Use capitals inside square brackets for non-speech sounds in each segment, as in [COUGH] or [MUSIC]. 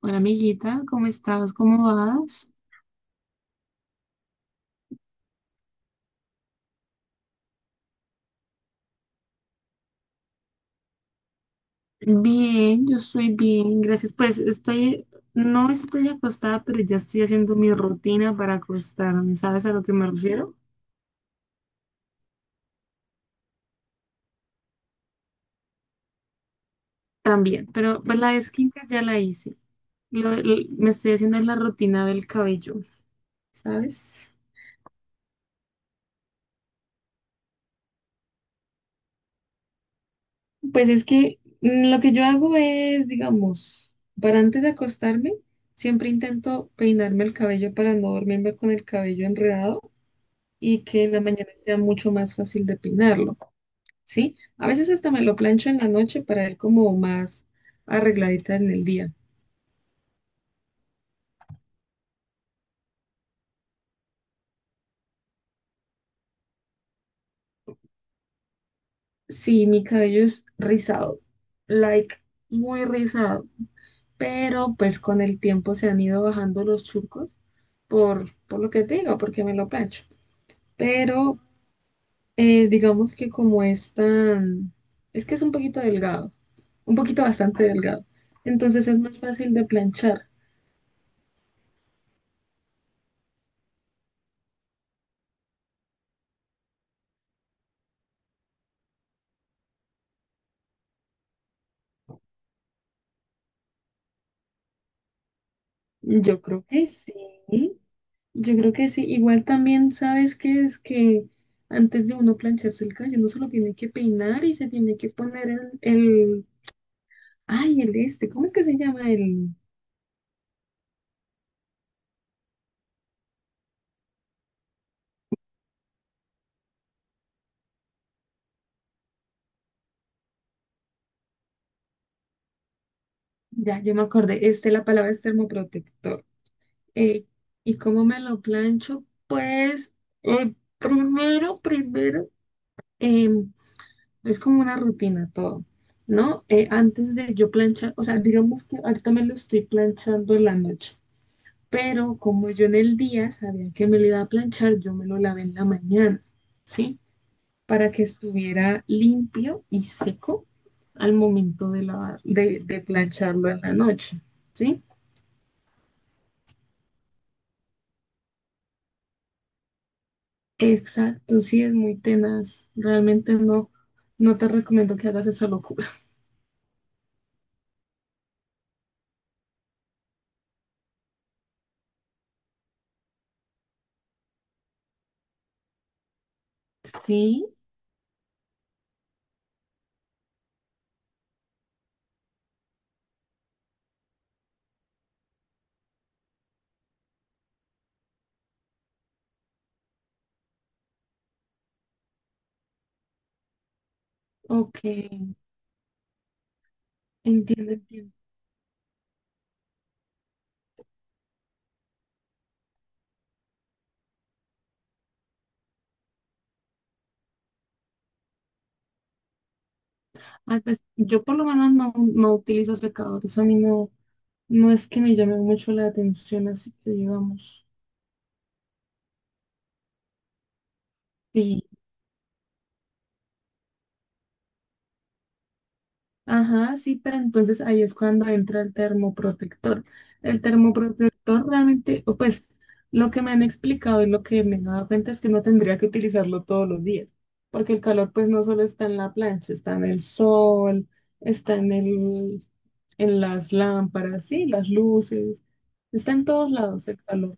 Hola, amiguita, ¿cómo estás? ¿Cómo vas? Bien, yo estoy bien, gracias. No estoy acostada, pero ya estoy haciendo mi rutina para acostarme. ¿Sabes a lo que me refiero? También, pero pues la de skincare ya la hice. Me estoy haciendo la rutina del cabello, ¿sabes? Pues es que lo que yo hago es, digamos, para antes de acostarme, siempre intento peinarme el cabello para no dormirme con el cabello enredado, y que en la mañana sea mucho más fácil de peinarlo, ¿sí? A veces hasta me lo plancho en la noche para ir como más arregladita en el día. Sí, mi cabello es rizado, like muy rizado, pero pues con el tiempo se han ido bajando los churcos por lo que te digo, porque me lo plancho. Pero digamos que como es tan, es que es un poquito delgado, un poquito bastante delgado, entonces es más fácil de planchar. Yo creo que sí. Yo creo que sí, igual también sabes que es que antes de uno plancharse el cabello, uno se lo tiene que peinar y se tiene que poner ay, el este, ¿cómo es que se llama el? Ya, yo me acordé, este, la palabra es termoprotector. Eh, ¿Y cómo me lo plancho? Pues, eh, primero, primero, eh, es como una rutina todo, ¿no? Antes de yo planchar, o sea, digamos que ahorita me lo estoy planchando en la noche, pero como yo en el día sabía que me lo iba a planchar, yo me lo lavé en la mañana, ¿sí? Para que estuviera limpio y seco al momento de, lavar, de plancharlo en la noche, ¿sí? Exacto, sí, es muy tenaz. Realmente no te recomiendo que hagas esa locura. Sí, ok, entiendo, entiendo. Ay, pues, yo por lo menos no utilizo secador, eso a mí no es que me llame mucho la atención, así que digamos. Sí. Ajá, sí, pero entonces ahí es cuando entra el termoprotector. El termoprotector realmente, o pues lo que me han explicado y lo que me he dado cuenta es que no tendría que utilizarlo todos los días, porque el calor pues no solo está en la plancha, está en el sol, está en las lámparas, sí, las luces, está en todos lados el calor.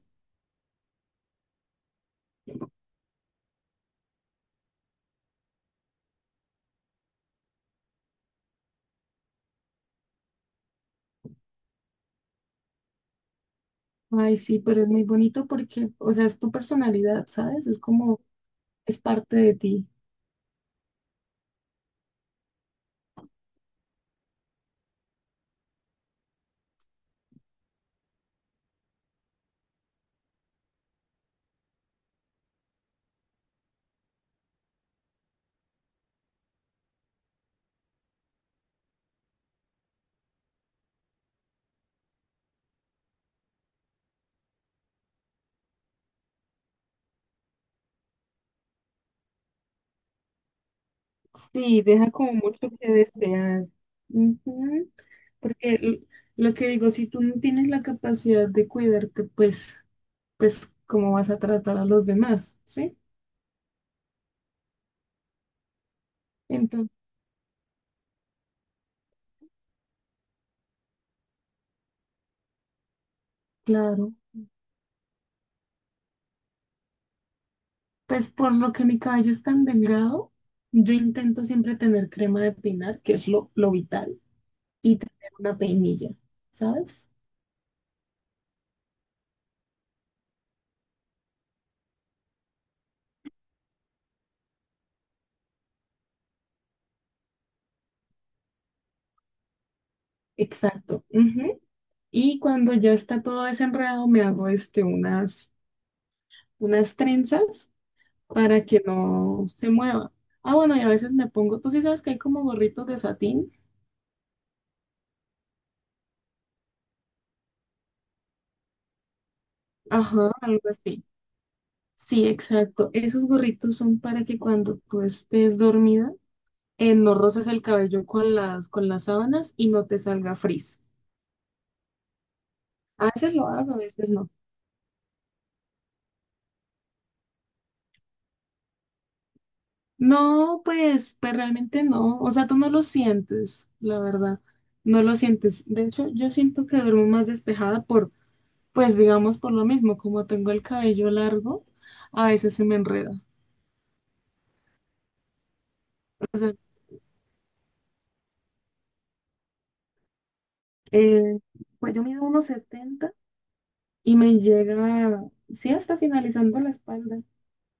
Ay, sí, pero es muy bonito porque, o sea, es tu personalidad, ¿sabes? Es como, es parte de ti. Sí, deja como mucho que desear. Ujú. Porque lo que digo, si tú no tienes la capacidad de cuidarte, pues, pues, ¿cómo vas a tratar a los demás? ¿Sí? Entonces, claro, pues por lo que mi cabello es tan delgado, yo intento siempre tener crema de peinar, que es lo vital, y tener una peinilla, ¿sabes? Exacto. Ujú. Y cuando ya está todo desenredado, me hago este, unas trenzas para que no se mueva. Ah, bueno, y a veces me pongo, tú sí sabes que hay como gorritos de satín. Ajá, algo así. Sí, exacto. Esos gorritos son para que cuando tú estés dormida, no roces el cabello con con las sábanas y no te salga frizz. A veces lo hago, a veces no. No, pues, pues realmente no. O sea, tú no lo sientes, la verdad. No lo sientes. De hecho, yo siento que duermo más despejada. Pues digamos por lo mismo, como tengo el cabello largo, a veces se me enreda. O sea, eh, pues yo mido unos 70 y me llega, sí, hasta finalizando la espalda,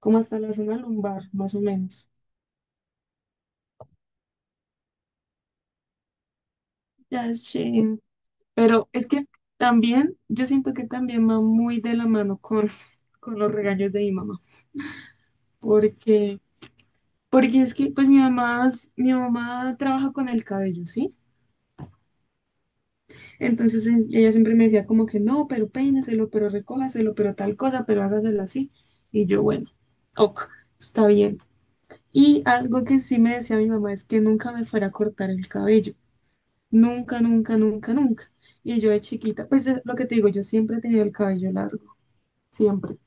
como hasta la zona lumbar, más o menos. Ya, sí. Pero es que también, yo siento que también va muy de la mano con, [LAUGHS] con los regaños de mi mamá, porque, porque es que pues mi mamá, mi mamá trabaja con el cabello, ¿sí? Entonces ella siempre me decía como que no, pero peínaselo, pero recójaselo, pero tal cosa, pero hágaselo así. Y yo, bueno, ok, está bien. Y algo que sí me decía mi mamá es que nunca me fuera a cortar el cabello. Nunca, nunca, nunca, nunca. Y yo de chiquita, pues es lo que te digo, yo siempre he tenido el cabello largo, siempre.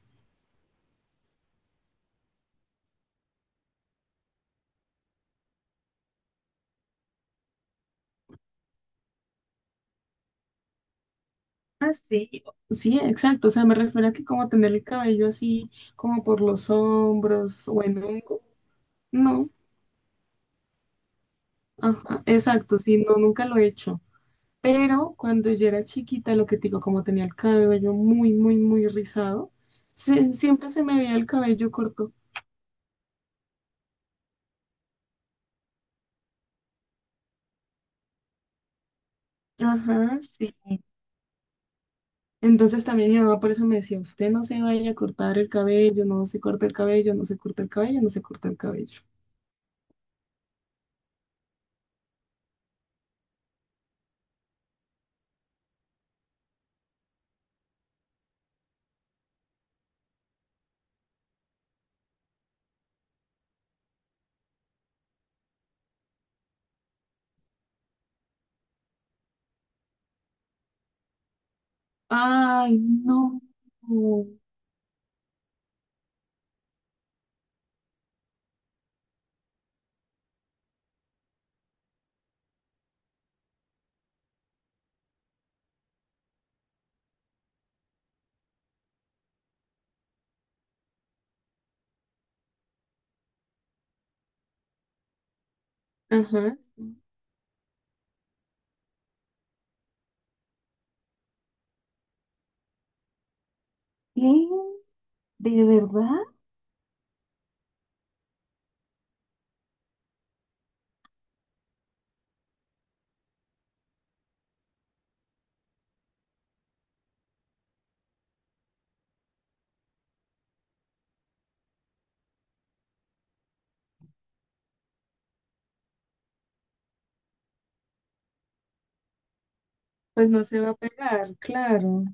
Ah, sí, sí, exacto. O sea, me refiero a que como tener el cabello así, como por los hombros o en hongo. No, ajá, exacto, sí, no, nunca lo he hecho. Pero cuando yo era chiquita, lo que te digo, como tenía el cabello muy, muy, muy rizado, siempre se me veía el cabello corto. Ajá, sí. Entonces también mi mamá por eso me decía, usted no se vaya a cortar el cabello, no se corta el cabello, no se corta el cabello, no se corta el cabello. Ay, no. Ajá. ¿Qué? ¿De verdad? Pues no se va a pegar, claro.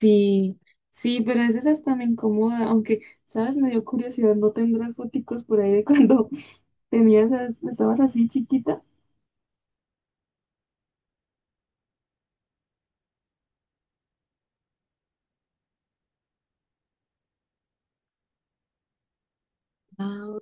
Sí, sí, pero a veces hasta me incomoda, aunque, ¿sabes? Me dio curiosidad, ¿no tendrás foticos por ahí de cuando [LAUGHS] tenías, estabas así chiquita? Ah,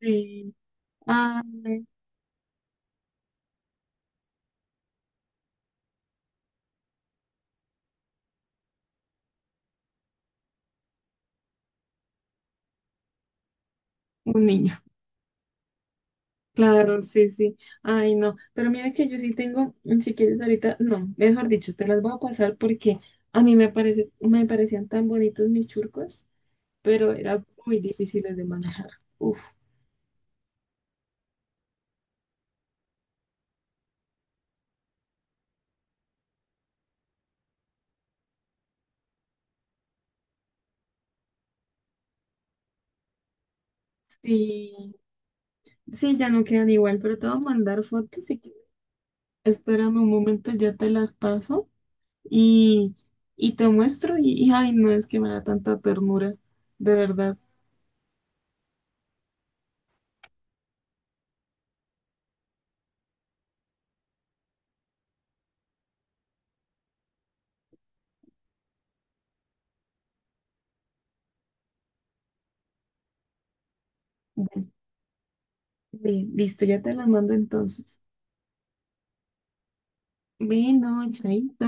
sí, ay, un niño, claro, sí, sí, ay, no, pero mira que yo sí tengo, mm, si quieres ahorita, no, mejor dicho, te las voy a pasar porque a mí me parece, me parecían tan bonitos mis churcos, pero eran muy difíciles de manejar, uf, sí, sí, ya no quedan igual, pero te voy a mandar fotos y espérame un momento, ya te las paso y, y te muestro. Ay, no es que me da tanta ternura, de verdad. Bueno, listo, ya te las mando entonces. Bueno, chaito.